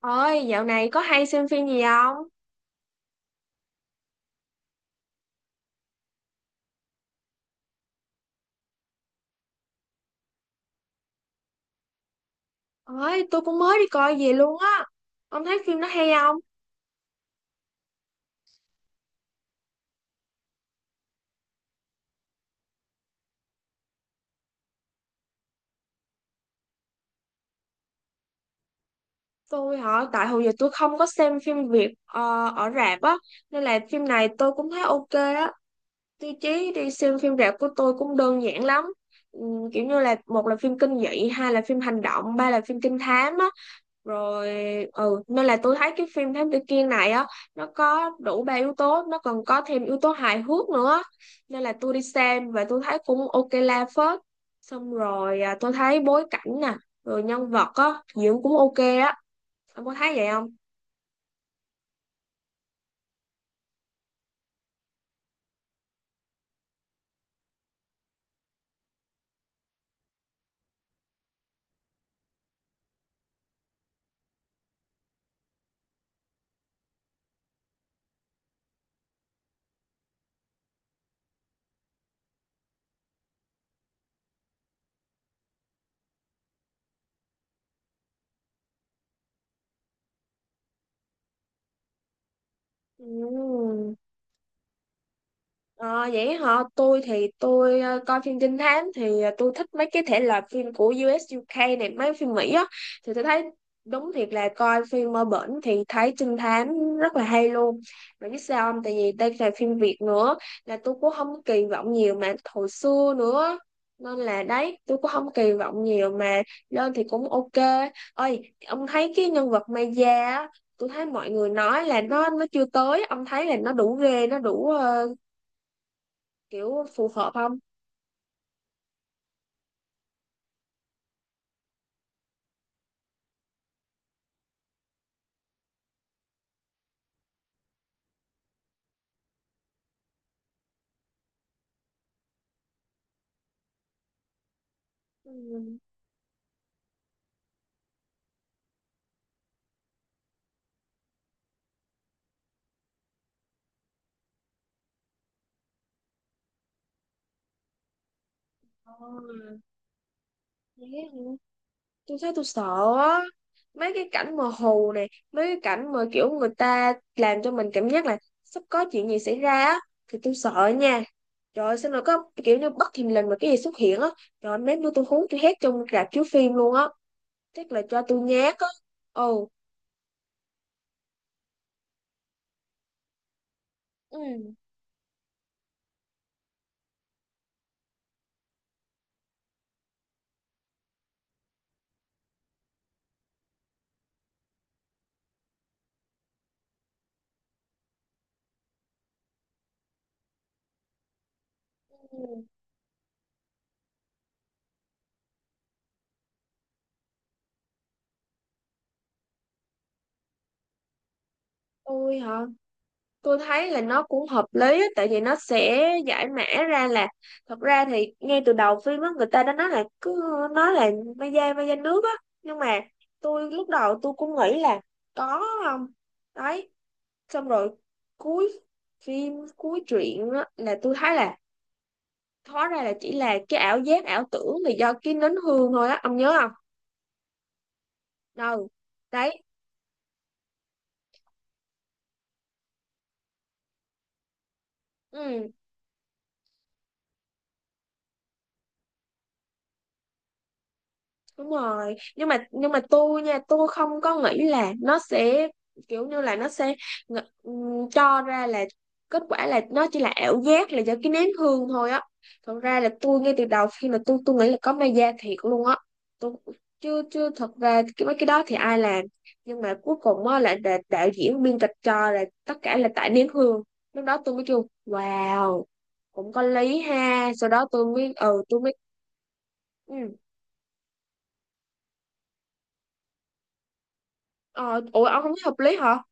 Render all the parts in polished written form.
Ôi, dạo này có hay xem phim gì không? Ôi, tôi cũng mới đi coi về luôn á. Ông thấy phim nó hay không? Tôi hả, tại hồi giờ tôi không có xem phim Việt ở rạp á, nên là phim này tôi cũng thấy ok á. Tiêu chí đi xem phim rạp của tôi cũng đơn giản lắm. Kiểu như là một là phim kinh dị, hai là phim hành động, ba là phim trinh thám á. Rồi, ừ, nên là tôi thấy cái phim Thám Tử Kiên này á, nó có đủ ba yếu tố, nó còn có thêm yếu tố hài hước nữa nên là tôi đi xem và tôi thấy cũng ok la phết. Xong rồi à, tôi thấy bối cảnh nè, rồi nhân vật á diễn cũng ok á. Ông có thấy vậy không? Ừ. Ờ, vậy hả? Tôi thì tôi coi phim trinh thám thì tôi thích mấy cái thể loại phim của U.S. UK này, mấy phim Mỹ á, thì tôi thấy đúng thiệt là coi phim ở bển thì thấy trinh thám rất là hay luôn. Mà biết sao không? Tại vì đây là phim Việt nữa là tôi cũng không kỳ vọng nhiều mà hồi xưa nữa, nên là đấy tôi cũng không kỳ vọng nhiều mà lên thì cũng ok. Ơi, ông thấy cái nhân vật Maya á, tôi thấy mọi người nói là nó chưa tới, ông thấy là nó đủ ghê, nó đủ kiểu phù hợp không? Ừ. Ờ, thế hả? Tôi thấy tôi sợ á, mấy cái cảnh mờ hồ này, mấy cái cảnh mà kiểu người ta làm cho mình cảm giác là sắp có chuyện gì xảy ra á thì tôi sợ nha. Trời ơi, sao nó có kiểu như bất thình lình mà cái gì xuất hiện á. Trời ơi, mấy bữa tôi hú tôi hét trong rạp chiếu phim luôn á, chắc là cho tôi nhát á. Ồ. Ừ. Ừ, tôi hả, tôi thấy là nó cũng hợp lý á, tại vì nó sẽ giải mã ra là, thật ra thì ngay từ đầu phim á người ta đã nói là cứ nói là mai da nước á, nhưng mà tôi lúc đầu tôi cũng nghĩ là có không, đấy. Xong rồi cuối phim cuối truyện á, là tôi thấy là hóa ra là chỉ là cái ảo giác ảo tưởng là do cái nến hương thôi á, ông nhớ không? Đâu, đấy, ừ, đúng rồi. Nhưng mà tôi nha, tôi không có nghĩ là nó sẽ kiểu như là nó sẽ cho ra là kết quả là nó chỉ là ảo giác là do cái nén hương thôi á. Thật ra là tôi ngay từ đầu khi mà tôi nghĩ là có ma da thiệt luôn á. Tôi chưa chưa thật ra cái mấy cái đó thì ai làm, nhưng mà cuối cùng á là đạo diễn biên kịch cho là tất cả là tại nén hương. Lúc đó tôi mới kêu wow, cũng có lý ha, sau đó tôi mới ừ tôi mới ừ. Ờ, ủa ông không thấy hợp lý hả?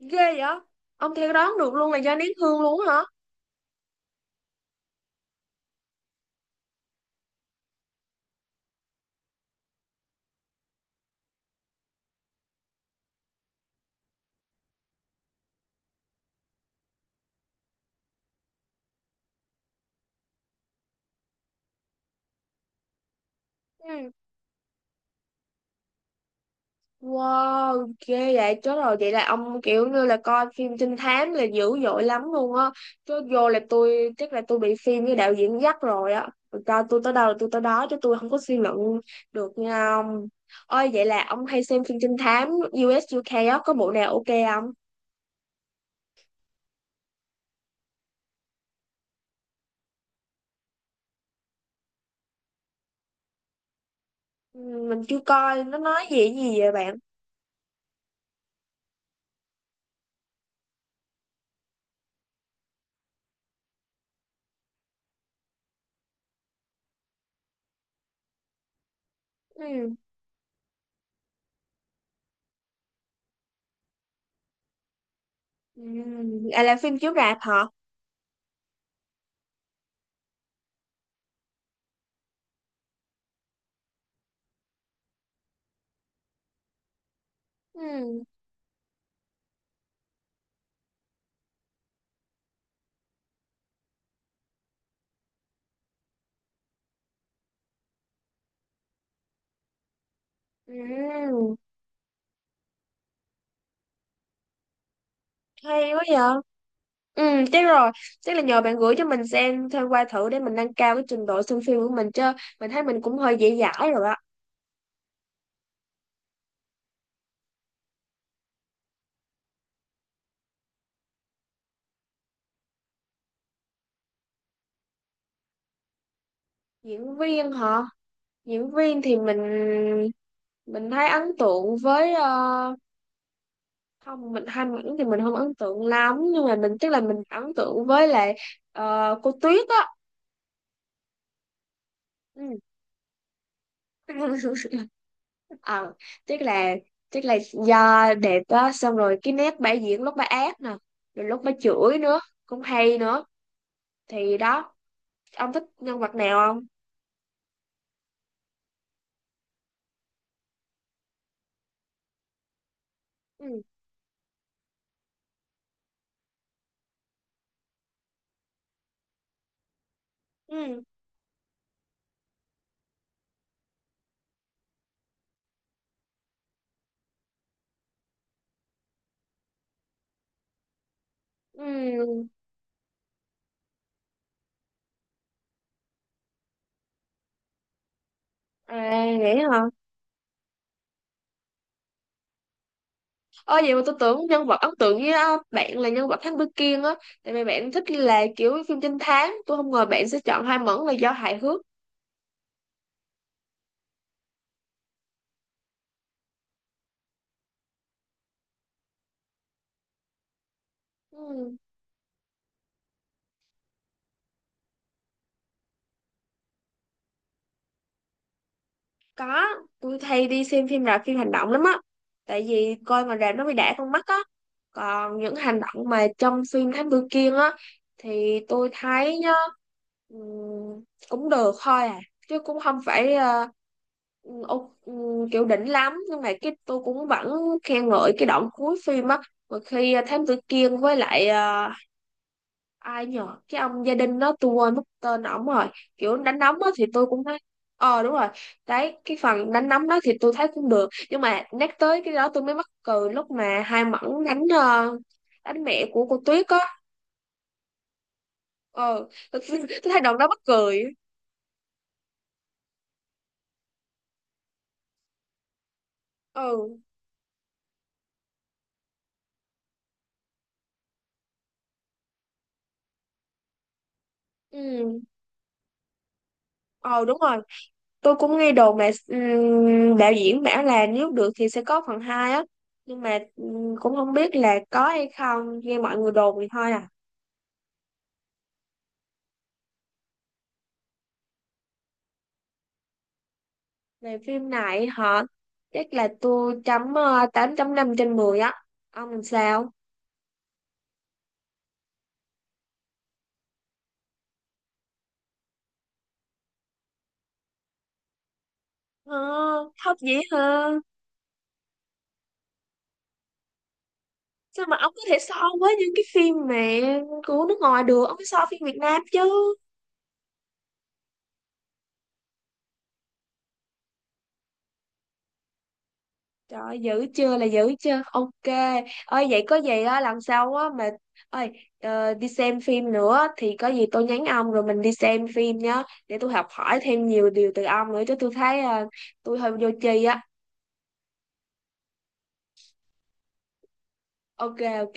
Ghê vậy? Ông theo đoán được luôn là do nén hương luôn hả? Ừ. Wow, ghê vậy, chết rồi, vậy là ông kiểu như là coi phim trinh thám là dữ dội lắm luôn á. Chứ vô là tôi chắc là tôi bị phim với đạo diễn dắt rồi á. Rồi cho tôi tới đâu là tôi tới đó, chứ tôi không có suy luận được nha ông. Ơi, vậy là ông hay xem phim trinh thám u ét u UK á, có bộ nào ok không? Ừ, mình chưa coi, nó nói gì gì vậy bạn? Ừ. Ừ. À, là phim chiếu rạp hả? Ừ. Ừ. Hay quá vậy. Ừ, chắc rồi. Chắc là nhờ bạn gửi cho mình xem thêm qua thử để mình nâng cao cái trình độ xem phim của mình chứ. Mình thấy mình cũng hơi dễ dãi rồi á. Diễn viên hả? Diễn viên thì mình thấy ấn tượng với không, mình hai mảnh thì mình không ấn tượng lắm, nhưng mà mình chắc là mình ấn tượng với lại cô Tuyết á. Ừ. Ờ, chắc là chắc là do đẹp á, xong rồi cái nét bả diễn lúc bả ác nè, rồi lúc bả chửi nữa, cũng hay nữa, thì đó. Ông thích nhân vật nào không? Ừ. Ừ. Ừ. À, vậy hả? Ơ, vậy mà tôi tưởng nhân vật ấn tượng với á, bạn là nhân vật Thám Tử Kiên á, tại vì bạn thích là kiểu phim trinh thám, tôi không ngờ bạn sẽ chọn Hoa Mẫn là do hài hước. Ừ. Có, tôi hay đi xem phim rạp phim hành động lắm á. Tại vì coi mà rạp nó bị đã con mắt á. Còn những hành động mà trong phim Thám Tử Kiên á thì tôi thấy nhá, ừm, cũng được thôi à, chứ cũng không phải kiểu đỉnh lắm, nhưng mà cái tôi cũng vẫn khen ngợi cái đoạn cuối phim á, mà khi Thám Tử Kiên với lại ai nhờ cái ông gia đình đó, tôi quên mất tên ổng rồi. Kiểu đánh nóng đó thì tôi cũng thấy, ờ đúng rồi. Đấy cái phần đánh nóng đó thì tôi thấy cũng được, nhưng mà nhắc tới cái đó tôi mới mắc cười lúc mà hai mẫn đánh đánh mẹ của cô Tuyết á. Ờ tôi, tôi thấy đoạn đó mắc cười. Ừ. Ừ. Ờ, đúng rồi, tôi cũng nghe đồn là đạo diễn bảo là nếu được thì sẽ có phần hai á, nhưng mà cũng không biết là có hay không, nghe mọi người đồn thì thôi à. Về phim này hả? Chắc là tôi chấm 8,5/10 á. Ông làm sao? Ờ. Không vậy hả? Sao mà ông có thể so với những cái phim mà của nước ngoài được? Ông phải so phim Việt Nam chứ. Trời ơi, dữ chưa là dữ chưa? Ok. Ơi vậy có gì á, lần sau á mà, ơi, đi xem phim nữa thì có gì tôi nhắn ông rồi mình đi xem phim nhá, để tôi học hỏi thêm nhiều điều từ ông nữa chứ, tôi thấy tôi hơi vô tri á. Ok, ok.